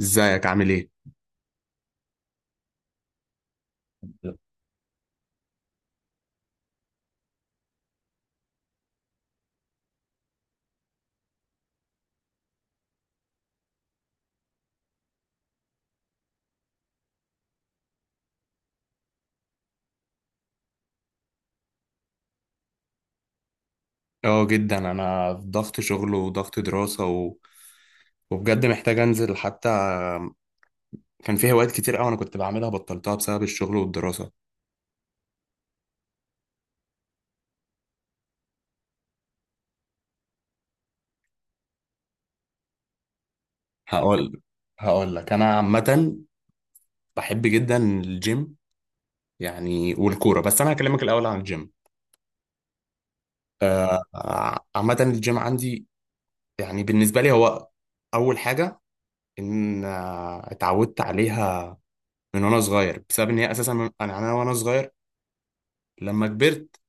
ازيك عامل ايه؟ اه جدا انا في ضغط شغل وضغط دراسة و... وبجد محتاج انزل حتى. كان في هوايات كتير قوي انا كنت بعملها بطلتها بسبب الشغل والدراسة. هقول هقول لك انا عامة بحب جدا الجيم، يعني والكورة، بس انا هكلمك الاول عن الجيم. آه، عامة الجيم عندي يعني بالنسبة لي هو اول حاجة ان اتعودت عليها من وانا صغير بسبب ان هي اساسا من انا وانا صغير. لما كبرت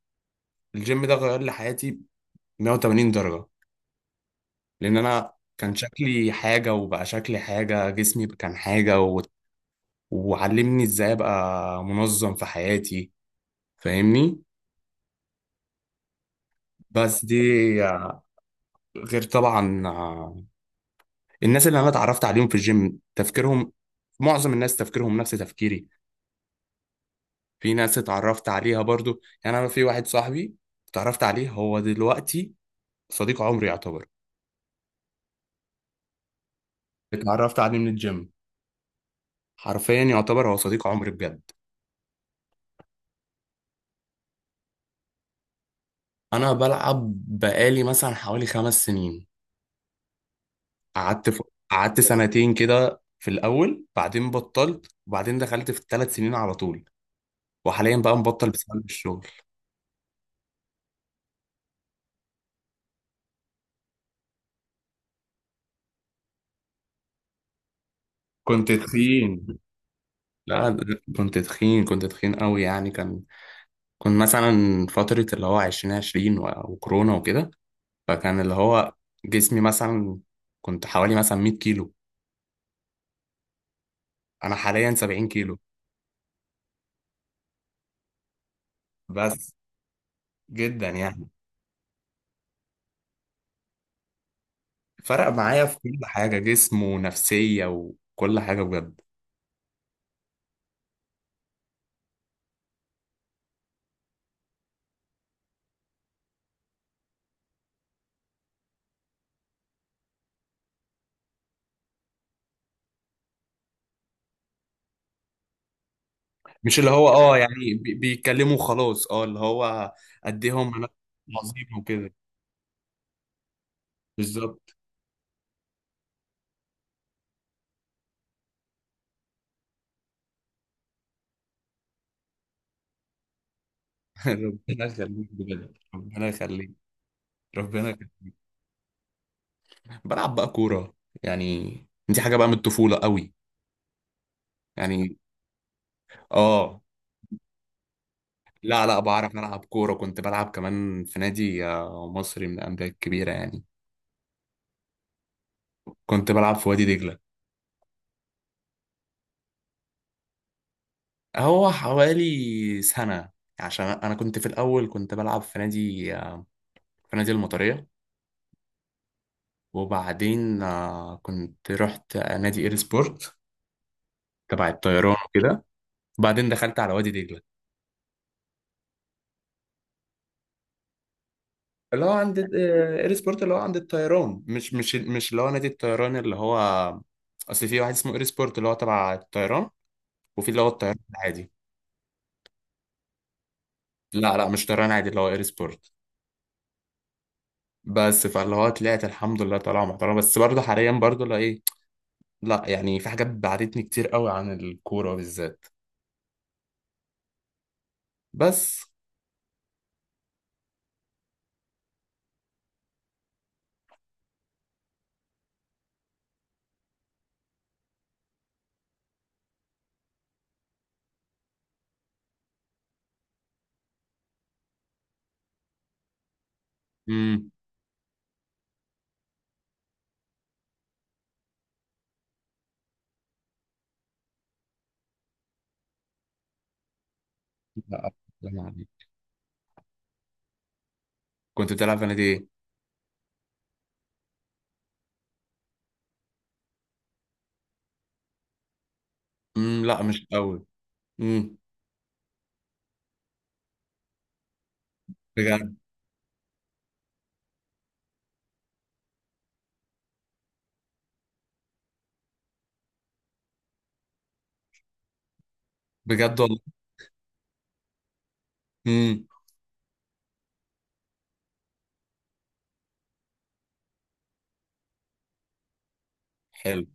الجيم ده غير لي حياتي 180 درجة، لأن أنا كان شكلي حاجة وبقى شكلي حاجة، جسمي كان حاجة، و... وعلمني إزاي أبقى منظم في حياتي، فاهمني؟ بس دي غير طبعا، الناس اللي أنا اتعرفت عليهم في الجيم تفكيرهم، معظم الناس تفكيرهم نفس تفكيري. في ناس اتعرفت عليها برضو، يعني أنا في واحد صاحبي اتعرفت عليه هو دلوقتي صديق عمري يعتبر، اتعرفت عليه من الجيم، حرفيا يعتبر هو صديق عمري بجد. انا بلعب بقالي مثلا حوالي خمس سنين، قعدت ف... قعدت سنتين كده في الاول بعدين بطلت وبعدين دخلت في الثلاث سنين على طول، وحاليا بقى مبطل بسبب الشغل. كنت تخين. لا ده- كنت تخين، كنت تخين قوي يعني. كان كنت مثلا فترة اللي هو عشرين عشرين و... وكورونا وكده، فكان اللي هو جسمي مثلا كنت حوالي مثلا 100 كيلو، انا حاليا 70 كيلو بس. جدا يعني، فرق معايا في كل حاجة، جسم ونفسية وكل حاجة بجد. مش اللي هو اه يعني بيتكلموا خلاص اه اللي هو قد ايه هم ناس عظيم وكده، بالظبط. ربنا يخليك بجد، ربنا يخليك، ربنا يخليك. بلعب بقى كورة يعني، دي حاجة بقى من الطفولة قوي يعني. اه، لا لا بعرف ألعب كورة، كنت بلعب كمان في نادي، مصري من الأندية الكبيرة يعني. كنت بلعب في وادي دجلة. هو حوالي سنة، عشان أنا كنت في الأول كنت بلعب في نادي، في نادي المطرية، وبعدين كنت رحت نادي إير سبورت تبع الطيران وكده، وبعدين دخلت على وادي دجلة. اللي هو عند، إير سبورت اللي هو عند الطيران، مش اللي هو نادي الطيران، اللي هو أصل في واحد اسمه إير سبورت اللي هو تبع الطيران، وفي اللي هو الطيران العادي. لا لا مش طيران عادي اللي هو إير سبورت. بس فاللي هو طلعت الحمد لله طالعة محترمة، بس برضه حاليا برضه لا، لا يعني في حاجات بعدتني كتير قوي عن الكورة بالذات. بس. امم، لا، أتكلم عن إيه. كنت بتلعب في نادي ايه؟ امم، لا مش قوي. امم. بجد؟ بجد والله. امم. حلو.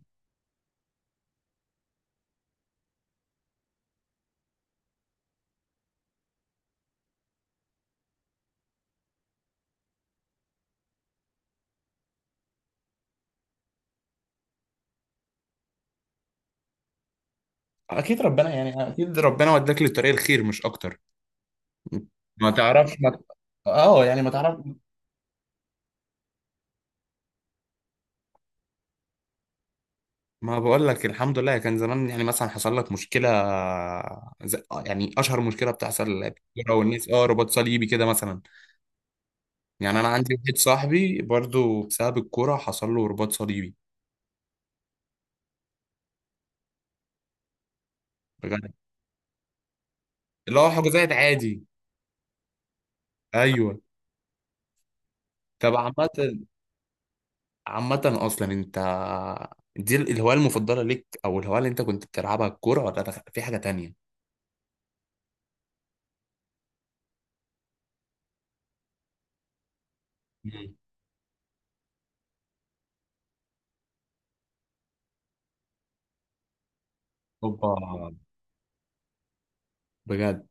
اكيد ربنا، يعني اكيد ربنا وداك للطريق الخير، مش اكتر. مم. ما تعرفش ما، اه يعني ما تعرف. ما بقول لك الحمد لله. كان زمان يعني مثلا حصل لك مشكلة زي يعني اشهر مشكلة بتحصل في الكورة والناس، اه رباط صليبي كده مثلا، يعني انا عندي واحد صاحبي برضو بسبب الكوره حصل له رباط صليبي. بجد. اللي هو حجوزات عادي. ايوه. طب عامه، عامه، اصلا انت دي الهوايه المفضله ليك، او الهوايه اللي انت كنت بتلعبها الكوره، ولا في حاجه تانية؟ مم. اوبا، بجد.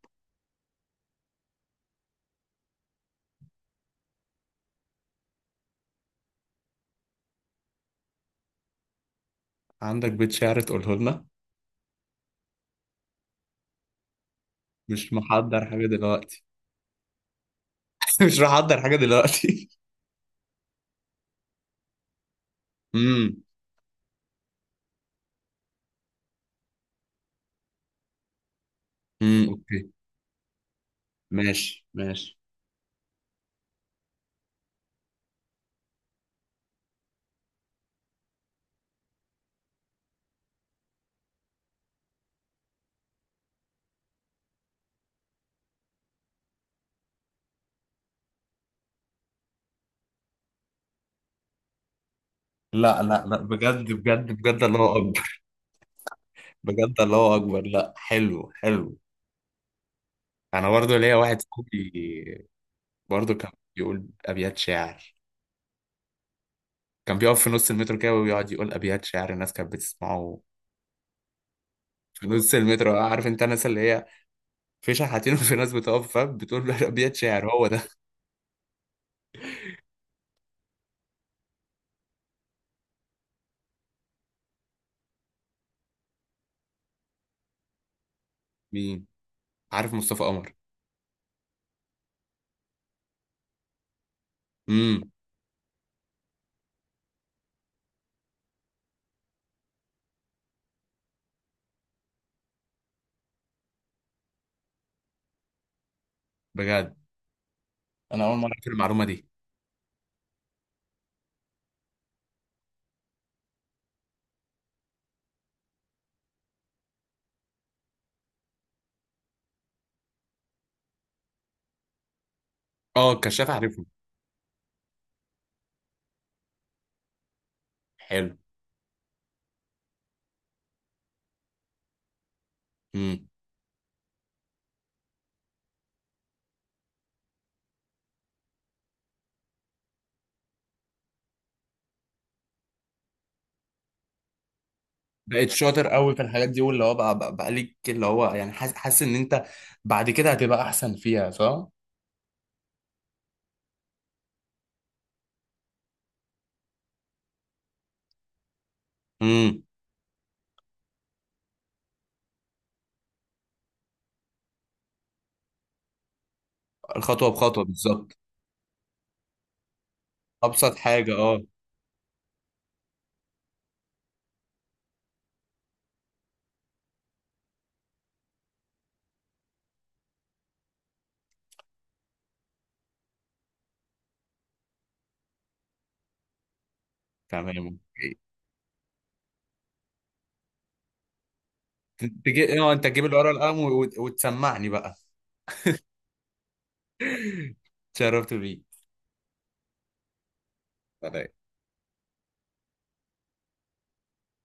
عندك بيت شعر تقوله لنا؟ مش محضر حاجه دلوقتي؟ مش محضر حاجه دلوقتي امم. امم، اوكي، ماشي ماشي. لا لا لا، بجد بجد بجد، الله اكبر. بجد الله اكبر، لا حلو حلو. انا برضو ليا واحد صاحبي برضو كان بيقول ابيات شعر، كان بيقف في نص المترو كده ويقعد يقول ابيات شعر الناس كانت بتسمعه. في نص المترو، عارف انت الناس اللي هي في شحاتين وفي ناس بتقف فاهم بتقول له ابيات شعر، هو ده. مين؟ عارف مصطفى قمر. امم. بجد؟ انا اول مره اعرف المعلومه دي. اه الكشاف، عارفه. حلو. امم. بقيت شاطر قوي في الحاجات دي، واللي هو بقى بقى ليك اللي هو يعني حاسس، حاسس ان انت بعد كده هتبقى احسن فيها، صح؟ امم. الخطوه بخطوه، بالظبط. ابسط حاجه، اه. تمام. تجي اه انت تجيب الورقه والقلم وتسمعني بقى. شرفت بيك. سلام.